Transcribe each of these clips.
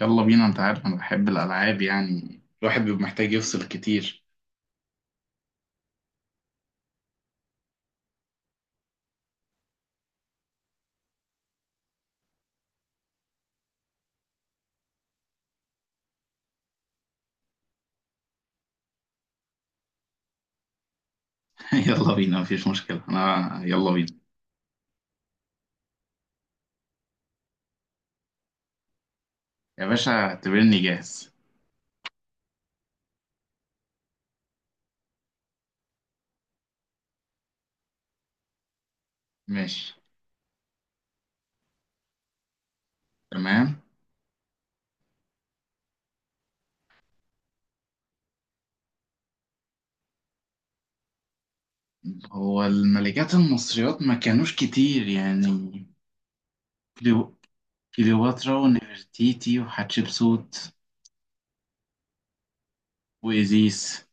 يلا بينا، انت عارف انا بحب الالعاب، يعني الواحد بيبقى محتاج يفصل كتير. يلا بينا، مفيش مشكلة، انا يلا بينا. يا باشا اعتبرني جاهز. ماشي. تمام. هو الملكات المصريات ما كانوش كتير يعني. كليو... كليوباترا ونفرتيتي وحتشبسوت وإيزيس.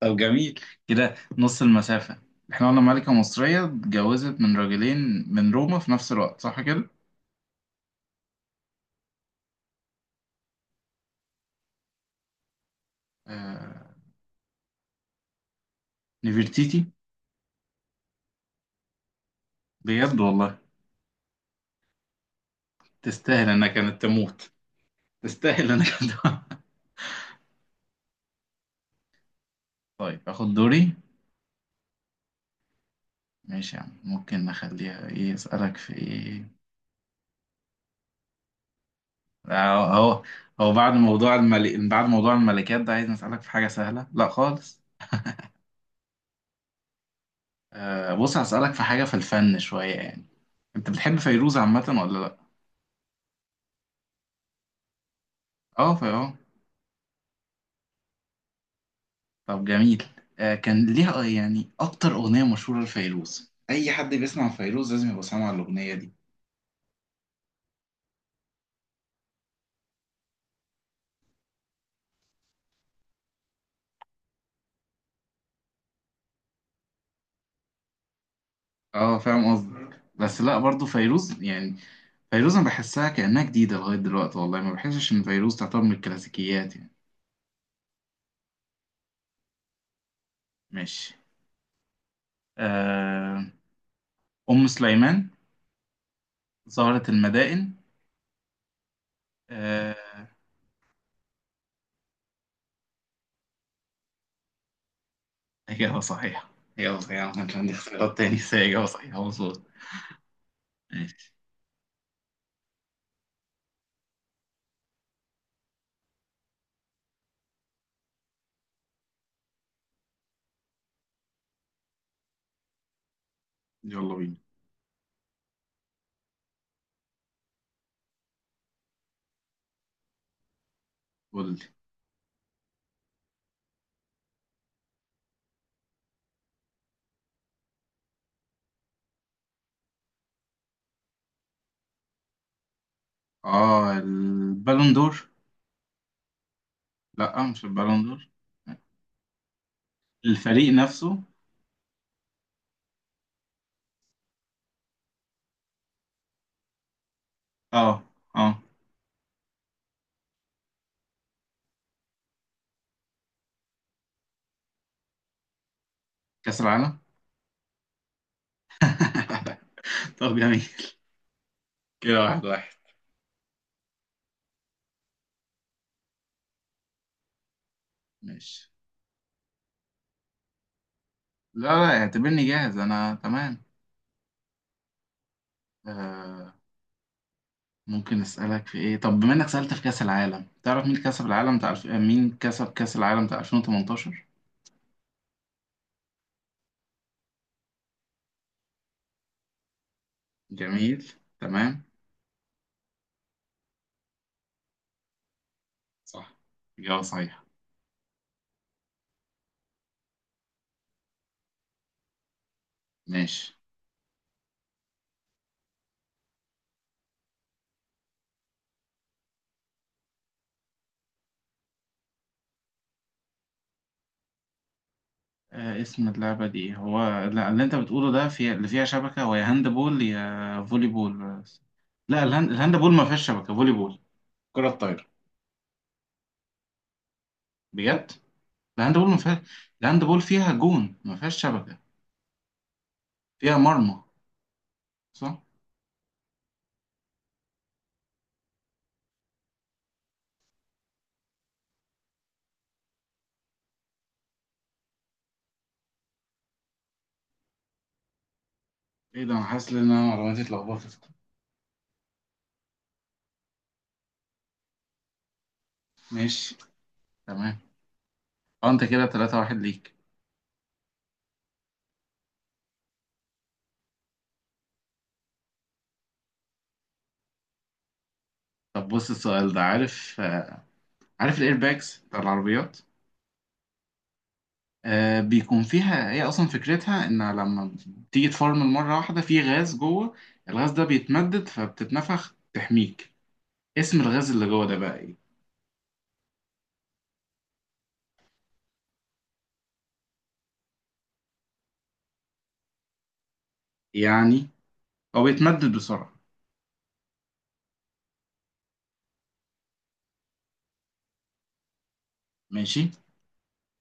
طب جميل. كده نص المسافة. احنا قلنا ملكة مصرية اتجوزت من راجلين من روما في نفس الوقت، صح كده؟ آه... نفرتيتي. بجد والله؟ تستاهل انها كانت تموت. تستاهل انها كانت تموت. طيب اخد دوري. ماشي يا عم، ممكن نخليها ايه اسالك في ايه؟ اهو. هو بعد موضوع الملك، بعد موضوع الملكات ده، عايز اسالك في حاجه سهله لا خالص. آه بص، هسالك في حاجه في الفن شويه يعني. انت بتحب فيروز عامه ولا لا؟ اه، في اه. طب جميل. آه كان ليها، يعني اكتر اغنيه مشهوره لفيروز اي حد بيسمع فيروز لازم يبقى سامع الاغنيه دي. اه فاهم قصدك، بس لا برضو فيروز يعني. فيروز انا بحسها كأنها جديدة لغاية دلوقتي، والله ما بحسش ان فيروز تعتبر من الكلاسيكيات يعني. ماشي. آه، أم سليمان، زهرة المدائن، آه، إجابة صحيحة. إجابة صحيحة. ما كانش عندي اختيارات تاني بس هي إجابة صحيحة مظبوط. ماشي. يلا بينا، قول لي. اه البالون دور. لا مش البالون دور، الفريق نفسه. اه. اه. كأس العالم. طب جميل. كده واحد واحد. ماشي. لا لا، اعتبرني جاهز، انا تمام. آه. ممكن اسالك في ايه، طب بما انك سالت في كاس العالم، تعرف مين كسب العالم بتاع مين كسب كاس العالم بتاع 2018؟ جميل. تمام. صح. اجابه صحيحه. ماشي. آه اسم اللعبه دي إيه؟ هو لا، اللي انت بتقوله ده في اللي فيها شبكه، هو يا هاند بول يا فولي بول. لا الهاند بول ما فيهاش شبكه. فولي بول. كره طايره. بجد؟ الهاند بول ما فيها. الهاند بول فيها جون، ما فيهاش شبكه. فيها مرمى. صح. ايه ده؟ انا حاسس ان انا معلوماتي اتلخبطت. ماشي. تمام. اه انت كده 3-1 ليك. طب بص السؤال ده، عارف عارف الايرباكس بتاع العربيات؟ آه بيكون فيها، هي اصلا فكرتها ان لما تيجي تفرمل مره واحده في غاز جوه، الغاز ده بيتمدد فبتتنفخ تحميك. اسم الغاز اللي جوه ده بقى ايه؟ يعني هو بيتمدد بسرعه. ماشي.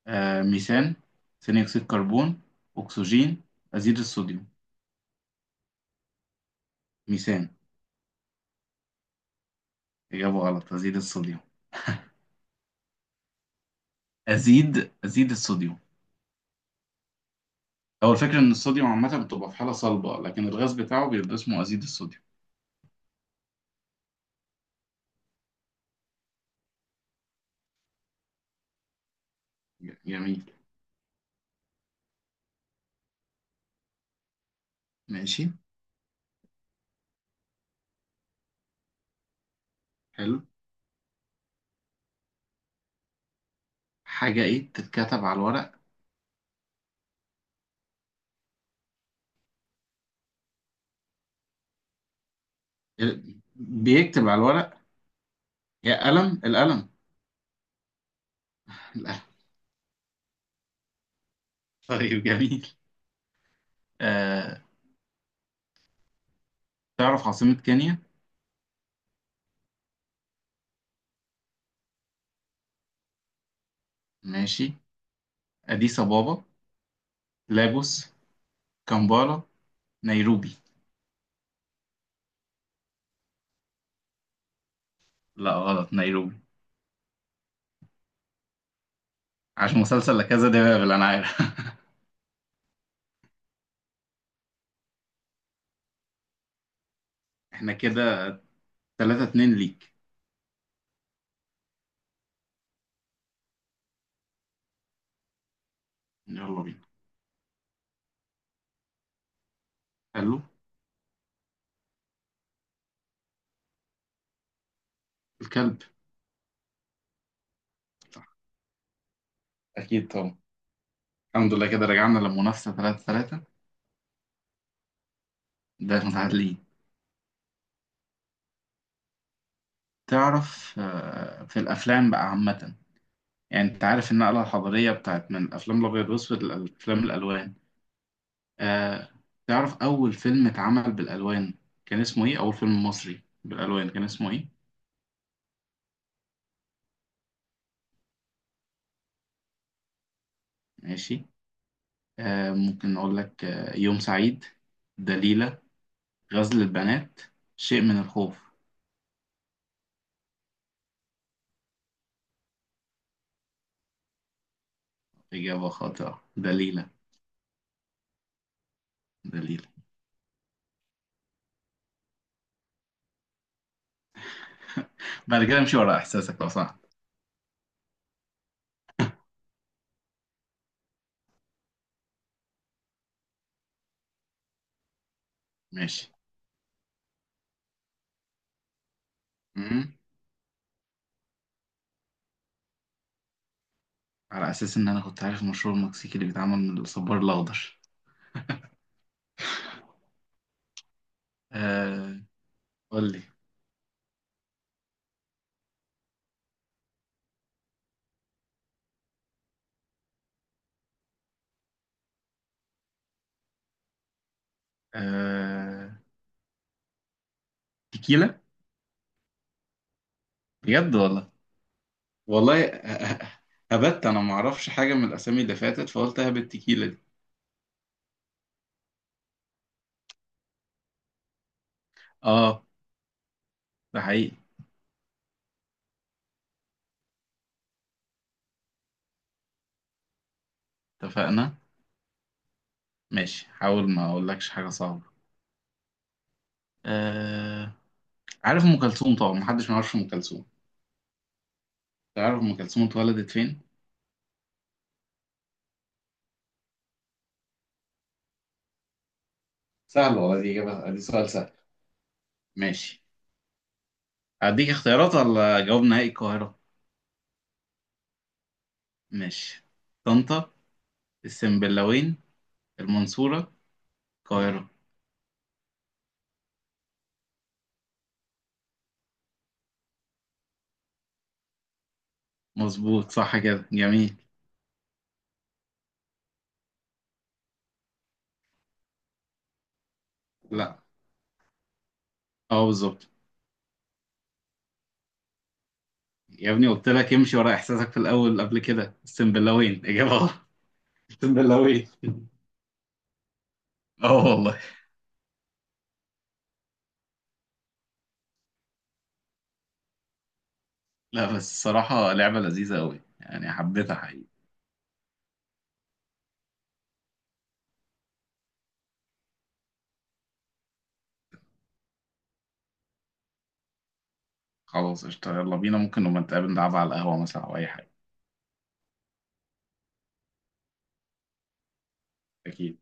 آه ميثان، ثاني اكسيد كربون، اكسجين، ازيد الصوديوم. ميثان. اجابه غلط، ازيد الصوديوم. ازيد الصوديوم. هو الفكرة إن الصوديوم عامة بتبقى في حالة صلبة لكن الغاز بتاعه بيبقى اسمه أزيد الصوديوم. جميل. ماشي. حلو. حاجة إيه تتكتب على الورق؟ بيكتب على الورق. يا قلم، القلم. القلم. طيب جميل. آه تعرف عاصمة كينيا؟ ماشي. أديس أبابا، لاجوس، كامبالا، نيروبي. لا غلط، نيروبي. عشان مسلسل، لا كذا ده بابل أنا عارف. إحنا كده 3-2 ليك. يلا بينا. حلو. الكلب. أكيد طبعا. الحمد لله كده رجعنا للمنافسة، تلاتة تلاتة. ده متعادلين. تعرف في الأفلام بقى عامة؟ يعني أنت عارف النقلة الحضارية بتاعت من الأفلام الأبيض والأسود لأفلام الألوان. آه، تعرف أول فيلم اتعمل بالألوان كان اسمه إيه؟ أول فيلم مصري بالألوان كان اسمه إيه؟ ماشي. ممكن أقول لك يوم سعيد، دليلة، غزل البنات، شيء من الخوف. إجابة خاطئة، دليلة. دليلة. بعد كده امشي ورا إحساسك لو سمحت. ماشي. على أساس إن أنا كنت عارف المشروب المكسيكي اللي بيتعمل من الصبار الأخضر. آه قول لي. آه تيكيلا. بجد والله؟ والله. هبت. أنا معرفش حاجة من الأسامي اللي فاتت فقلت هبت التيكيلا دي. آه. ده حقيقي. اتفقنا. ماشي، حاول ما أقولكش حاجة صعبة. آه عارف أم كلثوم طبعا، محدش ما يعرفش أم كلثوم. تعرف أم كلثوم اتولدت فين؟ سهل والله، دي إجابة، دي سؤال سهل. ماشي. أديك اختيارات ولا جواب نهائي القاهرة؟ ماشي. طنطا، السنبلاوين، المنصورة، القاهرة. مظبوط صح كده، جميل. لا. اه بالظبط. يا ابني قلت لك امشي ورا احساسك في الاول قبل كده، اقسم بالله وين اجابة غلط. اقسم بالله وين. اه والله. لا بس الصراحة لعبة لذيذة قوي، يعني حبيتها حقيقي. خلاص قشطة، يلا بينا، ممكن نبقى نتقابل نلعبها على القهوة مثلا او اي حاجة. اكيد.